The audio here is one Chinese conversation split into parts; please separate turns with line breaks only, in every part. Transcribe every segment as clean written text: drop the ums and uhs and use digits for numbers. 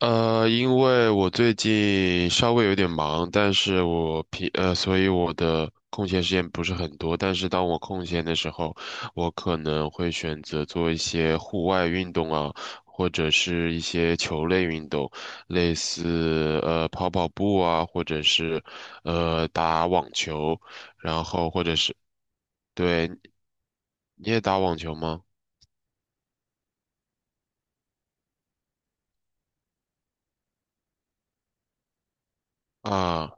因为我最近稍微有点忙，但是所以我的空闲时间不是很多。但是当我空闲的时候，我可能会选择做一些户外运动啊，或者是一些球类运动，类似跑跑步啊，或者是打网球，然后或者是对，你也打网球吗？啊，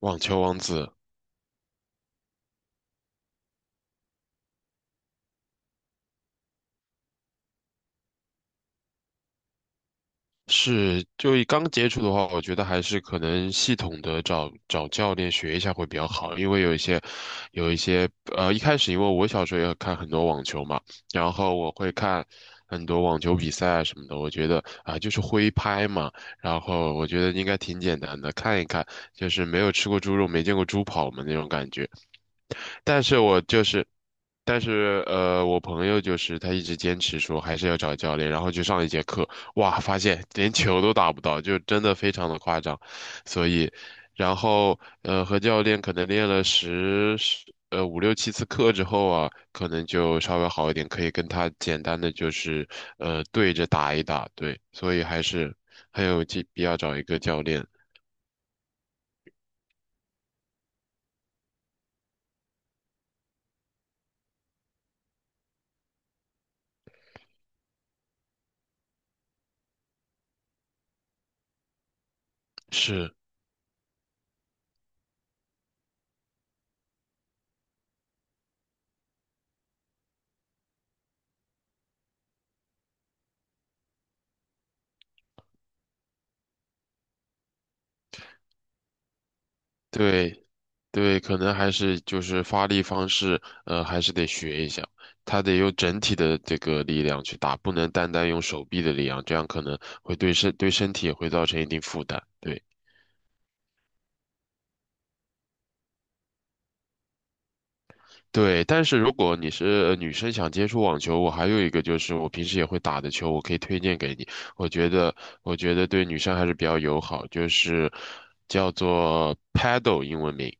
网球王子。是，就刚接触的话，我觉得还是可能系统的找找教练学一下会比较好，因为有一些，一开始因为我小时候也看很多网球嘛，然后我会看很多网球比赛啊什么的，我觉得啊，就是挥拍嘛，然后我觉得应该挺简单的，看一看，就是没有吃过猪肉，没见过猪跑嘛那种感觉。但是我就是，但是我朋友就是他一直坚持说还是要找教练，然后去上一节课，哇，发现连球都打不到，就真的非常的夸张，所以，然后和教练可能练了十十呃五六七次课之后啊，可能就稍微好一点，可以跟他简单的就是对着打一打，对，所以还是很有必要找一个教练，是，对。对，可能还是就是发力方式，还是得学一下。他得用整体的这个力量去打，不能单单用手臂的力量，这样可能会对身体也会造成一定负担。对对，但是如果你是女生想接触网球，我还有一个就是我平时也会打的球，我可以推荐给你。我觉得我觉得对女生还是比较友好，就是叫做 Paddle 英文名。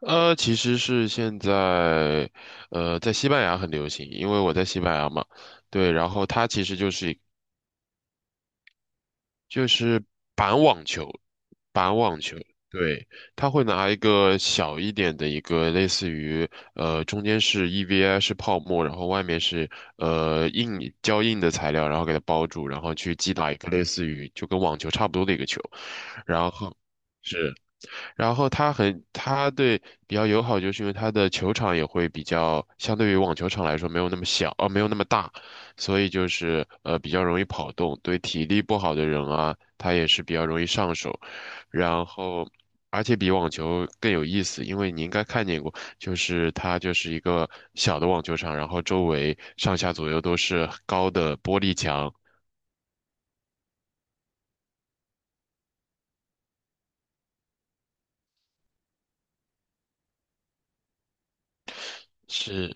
其实是现在，在西班牙很流行，因为我在西班牙嘛，对，然后它其实就是板网球，板网球，对，它会拿一个小一点的一个类似于中间是 EVA 是泡沫，然后外面是硬的材料，然后给它包住，然后去击打一个类似于就跟网球差不多的一个球，然后是。然后它对比较友好，就是因为它的球场也会比较，相对于网球场来说没有那么小，没有那么大，所以就是比较容易跑动，对体力不好的人啊，他也是比较容易上手。然后，而且比网球更有意思，因为你应该看见过，就是它就是一个小的网球场，然后周围上下左右都是高的玻璃墙，是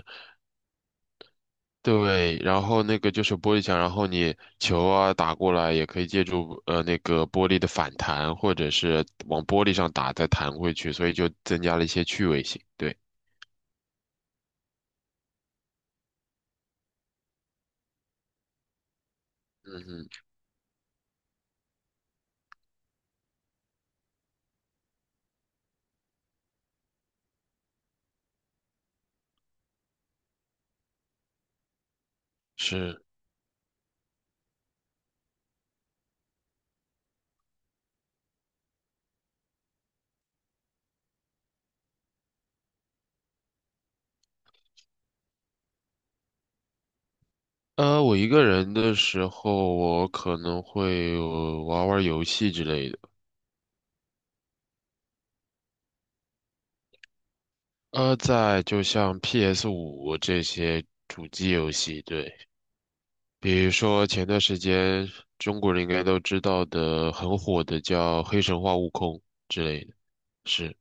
对，然后那个就是玻璃墙，然后你球啊打过来也可以借助那个玻璃的反弹，或者是往玻璃上打再弹回去，所以就增加了一些趣味性。对，嗯哼，是。我一个人的时候，我可能会玩玩游戏之类的。在就像 PS5这些主机游戏，对。比如说前段时间中国人应该都知道的很火的叫黑神话悟空之类的，是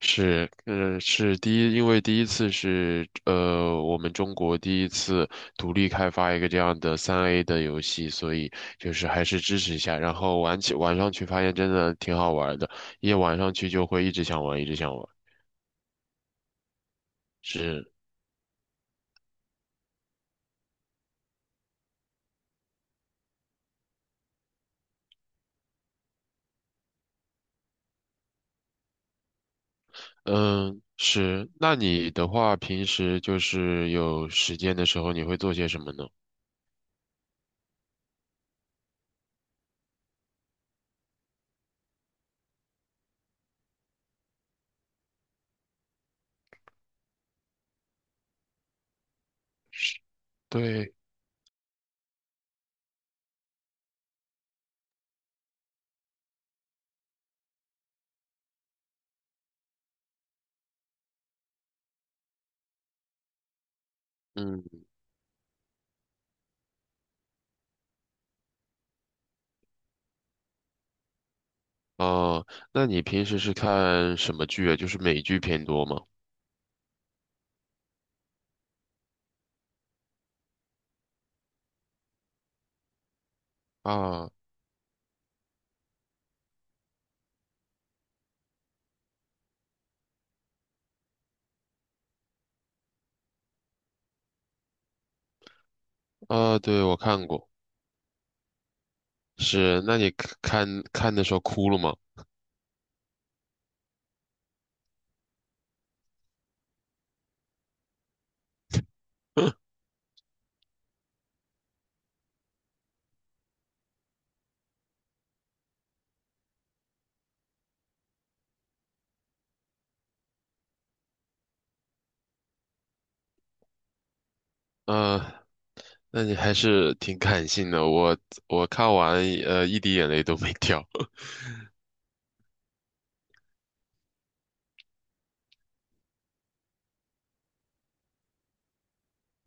是第一，因为第一次是我们中国第一次独立开发一个这样的3A 的游戏，所以就是还是支持一下。然后玩上去发现真的挺好玩的，一玩上去就会一直想玩，一直想玩。是，嗯，是。那你的话，平时就是有时间的时候，你会做些什么呢？对，嗯，哦，那你平时是看什么剧啊？就是美剧偏多吗？啊啊，对，我看过，是，那你看的时候哭了吗？啊，那你还是挺感性的，我看完一滴眼泪都没掉。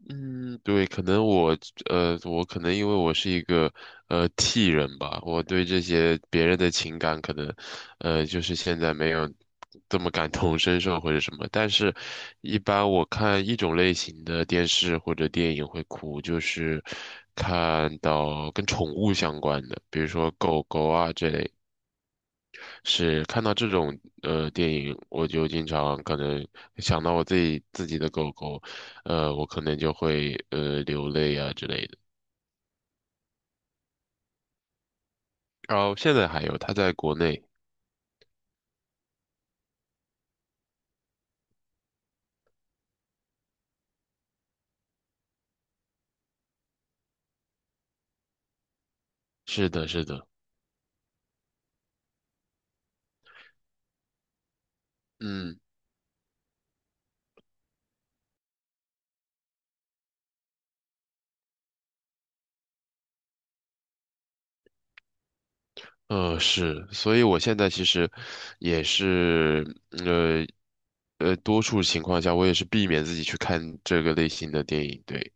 嗯，对，可能我我可能因为我是一个T 人吧，我对这些别人的情感可能就是现在没有这么感同身受或者什么。但是，一般我看一种类型的电视或者电影会哭，就是看到跟宠物相关的，比如说狗狗啊这类的是看到这种电影，我就经常可能想到我自己的狗狗，我可能就会流泪啊之类的。然后现在还有，它在国内，是的，是的，嗯，是，所以我现在其实也是呃多数情况下我也是避免自己去看这个类型的电影，对，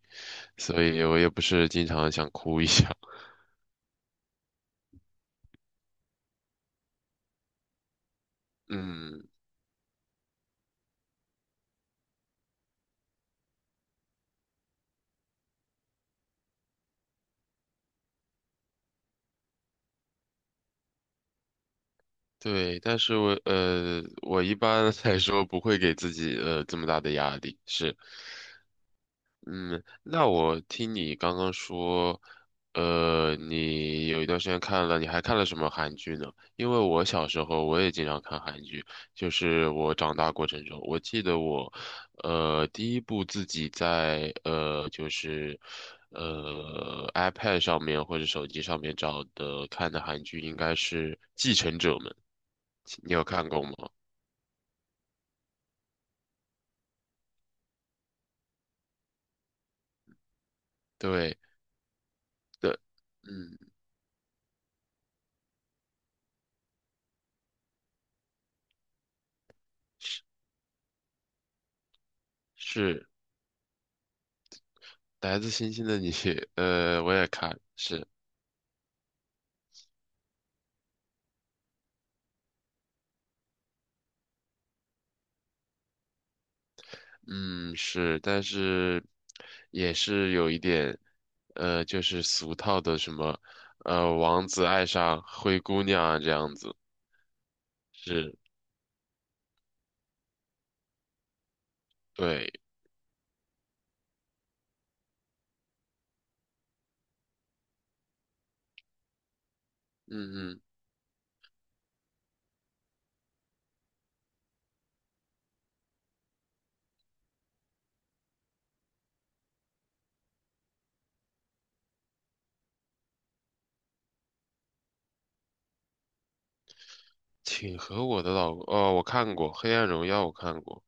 所以我也不是经常想哭一下，嗯。对，但是我我一般来说不会给自己这么大的压力，是，嗯，那我听你刚刚说，你有一段时间看了，你还看了什么韩剧呢？因为我小时候我也经常看韩剧，就是我长大过程中，我记得我，第一部自己在就是iPad 上面或者手机上面找的看的韩剧应该是《继承者们》，你有看过吗？对的，对嗯。是，来自星星的你，我也看，是，嗯，是，但是也是有一点，就是俗套的什么，王子爱上灰姑娘啊这样子，是，对，嗯嗯，请和我的老公，哦，我看过《黑暗荣耀》，我看过，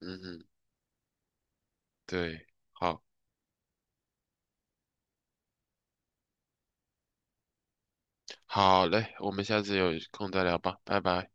嗯嗯，对，好，好嘞，我们下次有空再聊吧，拜拜。